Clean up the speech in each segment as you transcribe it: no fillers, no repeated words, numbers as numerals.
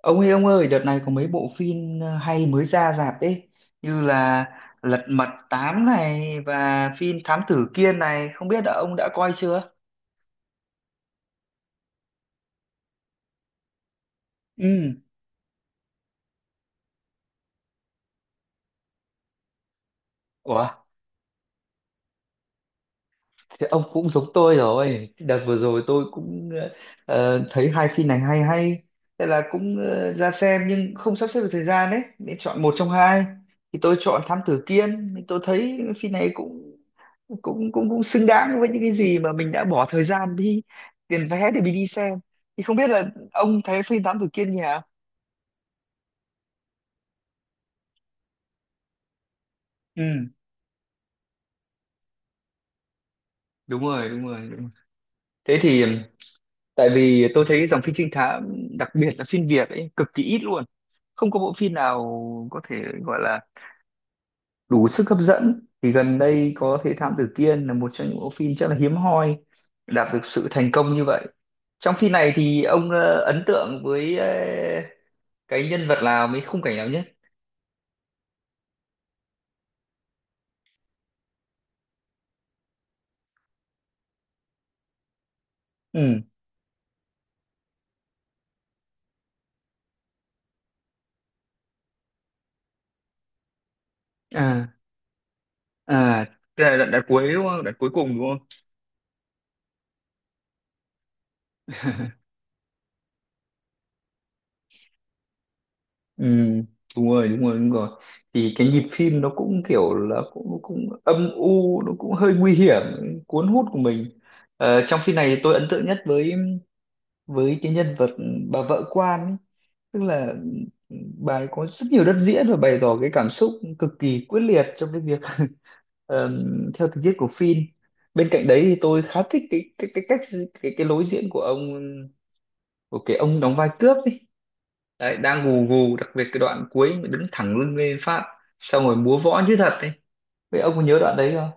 Ông ơi, đợt này có mấy bộ phim hay mới ra rạp ấy, như là Lật Mặt 8 này và phim Thám Tử Kiên này, không biết là ông đã coi chưa? Ừ. Ủa? Thì ông cũng giống tôi rồi. Đợt vừa rồi tôi cũng thấy hai phim này hay hay. Thế là cũng ra xem nhưng không sắp xếp được thời gian đấy. Nên chọn một trong hai. Thì tôi chọn Thám Tử Kiên. Thì tôi thấy phim này cũng cũng cũng cũng xứng đáng với những cái gì mà mình đã bỏ thời gian đi tiền vé để mình đi xem. Thì không biết là ông thấy phim Thám Tử Kiên nhỉ? Ừ, đúng rồi, đúng rồi, đúng rồi. Thế thì tại vì tôi thấy dòng phim trinh thám đặc biệt là phim Việt ấy cực kỳ ít luôn, không có bộ phim nào có thể gọi là đủ sức hấp dẫn. Thì gần đây có thấy Thám Tử Kiên là một trong những bộ phim rất là hiếm hoi đạt được sự thành công như vậy. Trong phim này thì ông ấn tượng với cái nhân vật nào, mấy khung cảnh nào nhất? Ừ, à, à, tức là đoạn cuối đúng không, đoạn cuối cùng đúng không? Ừ, đúng rồi đúng rồi đúng rồi. Thì cái nhịp phim nó cũng kiểu là cũng nó cũng âm u, nó cũng hơi nguy hiểm, cuốn hút của mình. Trong phim này tôi ấn tượng nhất với cái nhân vật bà vợ quan ấy. Tức là, ừ, bà ấy có rất nhiều đất diễn và bày tỏ cái cảm xúc cực kỳ quyết liệt trong cái việc. Theo tình tiết của phim, bên cạnh đấy thì tôi khá thích cái cách cái lối diễn của ông, của cái ông đóng vai cướp ấy. Đấy đang gù gù, đặc biệt cái đoạn cuối mà đứng thẳng lưng lên phát xong rồi múa võ như thật ấy. Vậy ông có nhớ đoạn đấy không?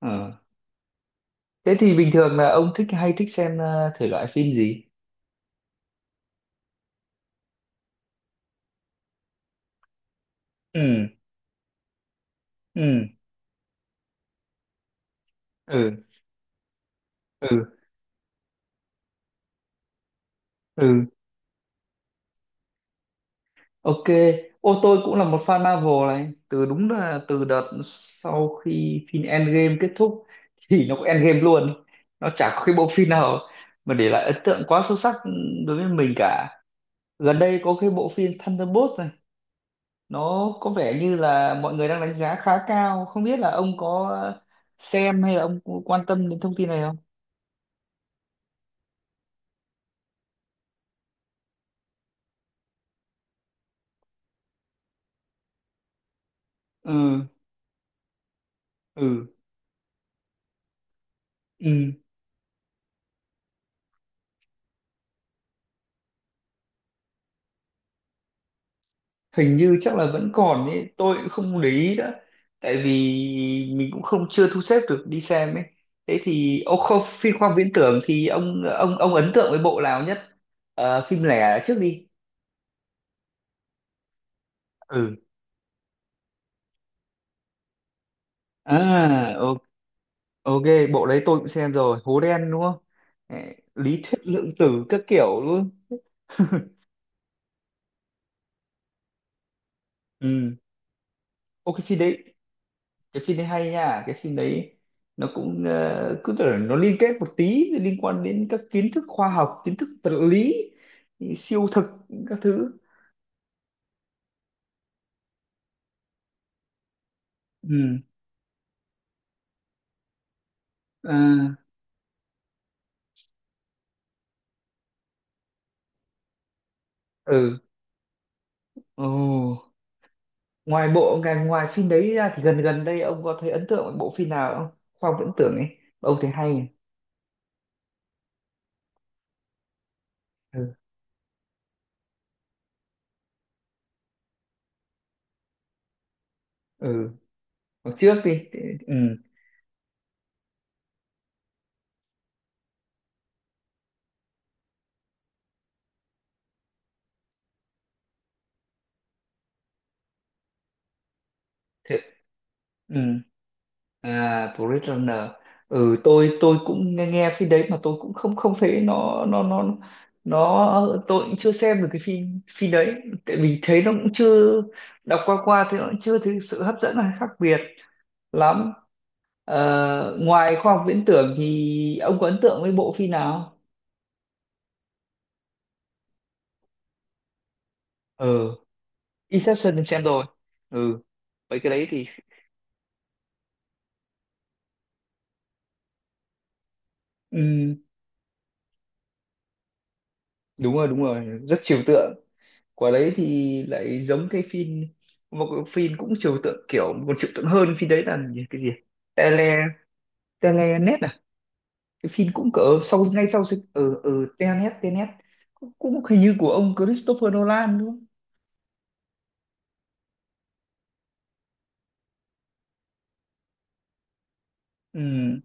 Ờ. Thế thì bình thường là ông thích hay thích xem thể loại phim gì? Ừ, ừ, ừ, ừ, ừ. Ok. Ô, tôi cũng là một fan Marvel này, từ đúng là từ đợt sau khi phim Endgame kết thúc. Thì nó cũng Endgame luôn, nó chả có cái bộ phim nào mà để lại ấn tượng quá sâu sắc đối với mình cả. Gần đây có cái bộ phim Thunderbolts này, nó có vẻ như là mọi người đang đánh giá khá cao, không biết là ông có xem hay là ông có quan tâm đến thông tin này không? Ừ, ừ, ừ. Hình như chắc là vẫn còn ấy, tôi cũng không để ý đó. Tại vì mình cũng không, chưa thu xếp được đi xem ấy. Thế thì ông không, phim khoa học viễn tưởng thì ông ấn tượng với bộ nào nhất? Ờ, phim lẻ trước đi. Ừ, à, ok. Bộ đấy tôi cũng xem rồi, hố đen đúng không? Ê, Lý thuyết lượng tử các kiểu luôn. Ừ. Ô, cái phim đấy, cái phim đấy hay nha cái phim đấy. Nó cũng cứ tưởng nó liên kết một tí, liên quan đến các kiến thức khoa học, kiến thức vật lý siêu thực các thứ. Ừ, à, ừ. Ồ, ngoài bộ ngành ngoài phim đấy ra thì gần gần đây ông có thấy ấn tượng với bộ phim nào không, khoa học viễn tưởng ấy mà ông thấy hay? Ừ, ừ. Hồi trước đi. Ừ, thế- ừ. À, Blade Runner. Ừ, tôi cũng nghe nghe phim đấy mà tôi cũng không không thấy nó, tôi cũng chưa xem được cái phim phim đấy. Tại vì thấy nó cũng chưa, đọc qua qua thì nó cũng chưa thấy sự hấp dẫn hay khác biệt lắm. Ờ, ngoài khoa học viễn tưởng thì ông có ấn tượng với bộ phim nào? Ừ, Inception thì xem rồi. Ừ, mấy cái đấy thì ừ, đúng rồi, rất trừu tượng. Quả đấy thì lại giống cái phim, một cái phim cũng trừu tượng, kiểu một trừu tượng hơn, phim đấy là cái gì, tele telenet à, cái phim cũng cỡ sau ngay sau ở ở telenet telenet cũng hình như của ông Christopher Nolan đúng không? Ừ,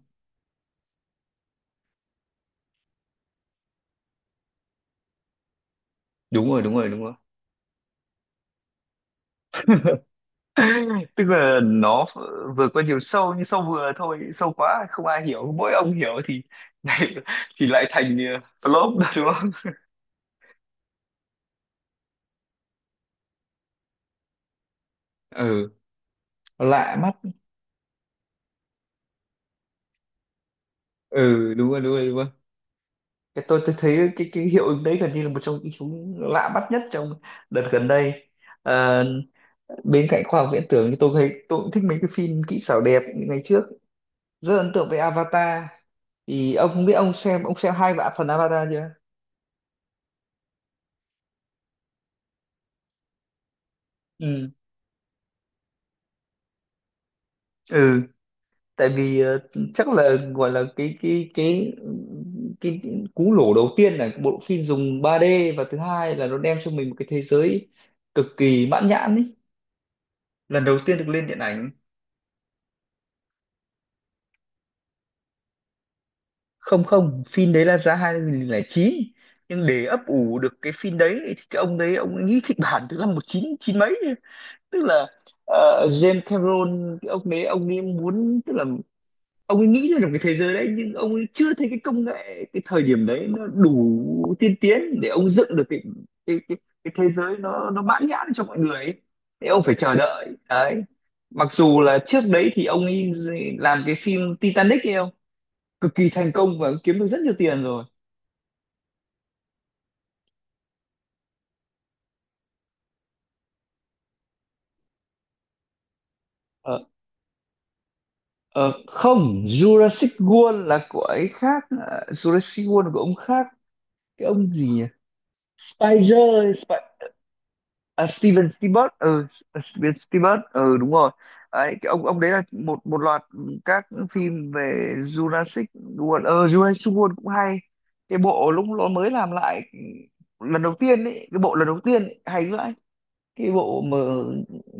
đúng rồi đúng rồi đúng rồi. Tức là nó vừa có chiều sâu, nhưng sâu vừa thôi, sâu quá không ai hiểu, mỗi ông hiểu thì thì lại thành flop đó đúng không? Ừ, lạ mắt. Ừ, đúng rồi đúng rồi đúng rồi, cái tôi thấy cái hiệu ứng đấy gần như là một trong những chúng lạ bắt nhất trong đợt gần đây. Ờ, bên cạnh khoa học viễn tưởng thì tôi thấy tôi cũng thích mấy cái phim kỹ xảo đẹp, những ngày trước rất ấn tượng với Avatar. Thì ông không biết ông xem hai vạn phần Avatar chưa? Ừ, ừ. Tại vì, chắc là gọi là cái cú lổ đầu tiên là bộ phim dùng 3D, và thứ hai là nó đem cho mình một cái thế giới cực kỳ mãn nhãn ý, lần đầu tiên được lên điện ảnh. Không, không, phim đấy là ra 2009. Nhưng để ấp ủ được cái phim đấy thì cái ông đấy ông ấy nghĩ kịch bản từ năm một chín chín mấy, tức là, James Cameron cái ông đấy ông ấy muốn, tức là ông ấy nghĩ ra được cái thế giới đấy nhưng ông ấy chưa thấy cái công nghệ cái thời điểm đấy nó đủ tiên tiến để ông dựng được cái cái, cái thế giới, nó mãn nhãn cho mọi người ấy. Thế ông phải chờ đợi đấy, mặc dù là trước đấy thì ông ấy làm cái phim Titanic ấy không, cực kỳ thành công và kiếm được rất nhiều tiền rồi. Ờ, ờ, không, Jurassic World là của ấy khác, à, Jurassic World là của ông khác, cái ông gì nhỉ? Spider Sp À, Steven Spielberg, ừ, Steven Spielberg, ừ đúng rồi. Ấy cái ông đấy là một một loạt các phim về Jurassic World. Ờ Jurassic World cũng hay, cái bộ lúc nó mới làm lại lần đầu tiên ấy, cái bộ lần đầu tiên ấy, hay vãi cái bộ mà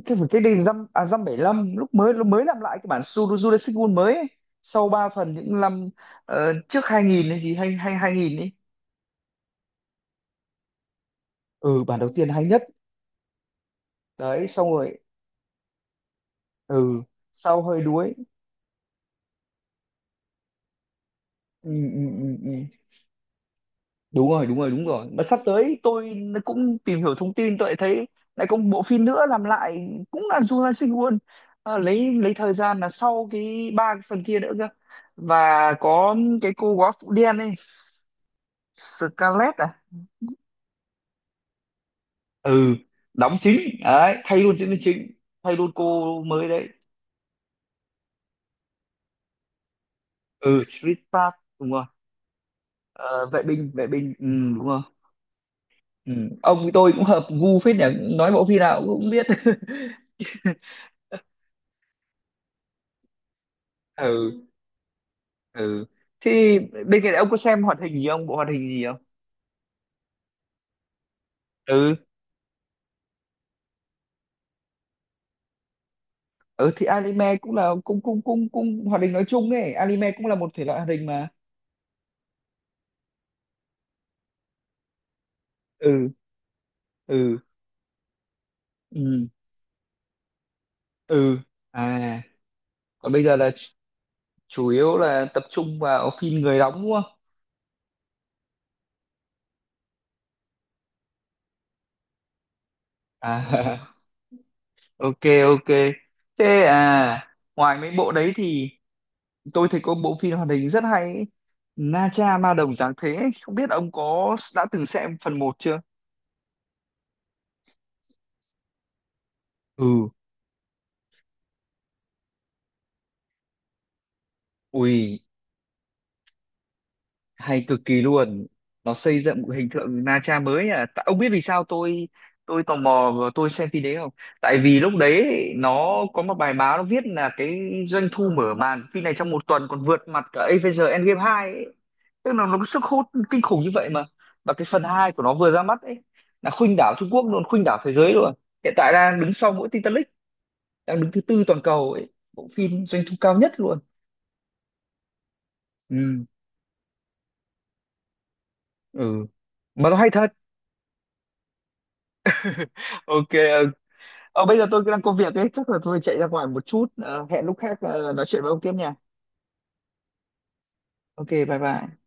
cái phần cái đây dăm bảy lăm, lúc mới làm lại cái bản Suru Jurassic World mới ấy. Sau 3 phần những năm trước 2000 hay gì hay hay 2000 ấy. Ừ, bản đầu tiên hay nhất. Đấy xong rồi, ừ, sau hơi đuối. Ừ, ừ, ừ, ừ. Đúng rồi đúng rồi đúng rồi, mà sắp tới tôi cũng tìm hiểu thông tin, tôi lại thấy lại có một bộ phim nữa làm lại cũng là Jurassic World. Ờ, lấy thời gian là sau cái ba cái phần kia nữa cơ, và có cái cô góa phụ đen ấy, Scarlett à? Ừ, đóng chính đấy, thay luôn diễn viên chính, thay luôn cô mới đấy. Ừ, Chris Pratt đúng rồi. Ờ, vệ binh vệ binh, ừ, đúng rồi. Ừ. Ông với tôi cũng hợp gu phết nhỉ, nói bộ phim nào cũng biết. Ừ, ừ. Thì bên cạnh đấy ông có xem hoạt hình gì không, bộ hoạt hình gì không? Ừ, ừ. Thì anime cũng là cũng cũng cũng cũng hoạt hình nói chung ấy, anime cũng là một thể loại hoạt hình mà. Ừ, ừ, ừ, ừ. À, còn bây giờ là chủ yếu là tập trung vào phim người đóng đúng không? À, ok, ok, thế à. Ngoài mấy bộ đấy thì tôi thấy có bộ phim hoạt hình rất hay ấy. Na Cha Ma Đồng Giáng Thế ấy. Không biết ông có đã từng xem phần một chưa? Ừ, ui, hay cực kỳ luôn. Nó xây dựng một hình tượng Na Tra mới. À, ông biết vì sao tôi tò mò và tôi xem phim đấy không? Tại vì lúc đấy nó có một bài báo nó viết là cái doanh thu mở màn phim này trong một tuần còn vượt mặt cả Avengers Endgame 2, ấy. Tức là nó có sức hút kinh khủng như vậy mà, và cái phần 2 của nó vừa ra mắt ấy là khuynh đảo Trung Quốc luôn, khuynh đảo thế giới luôn. Hiện tại đang đứng sau mỗi Titanic, đang đứng thứ tư toàn cầu ấy, bộ phim doanh thu cao nhất luôn. Ừ, ừ, mà nó hay thật. Ok. Ờ, bây giờ tôi đang có việc ấy, chắc là tôi chạy ra ngoài một chút, hẹn lúc khác nói chuyện với ông tiếp nha. Ok, bye bye.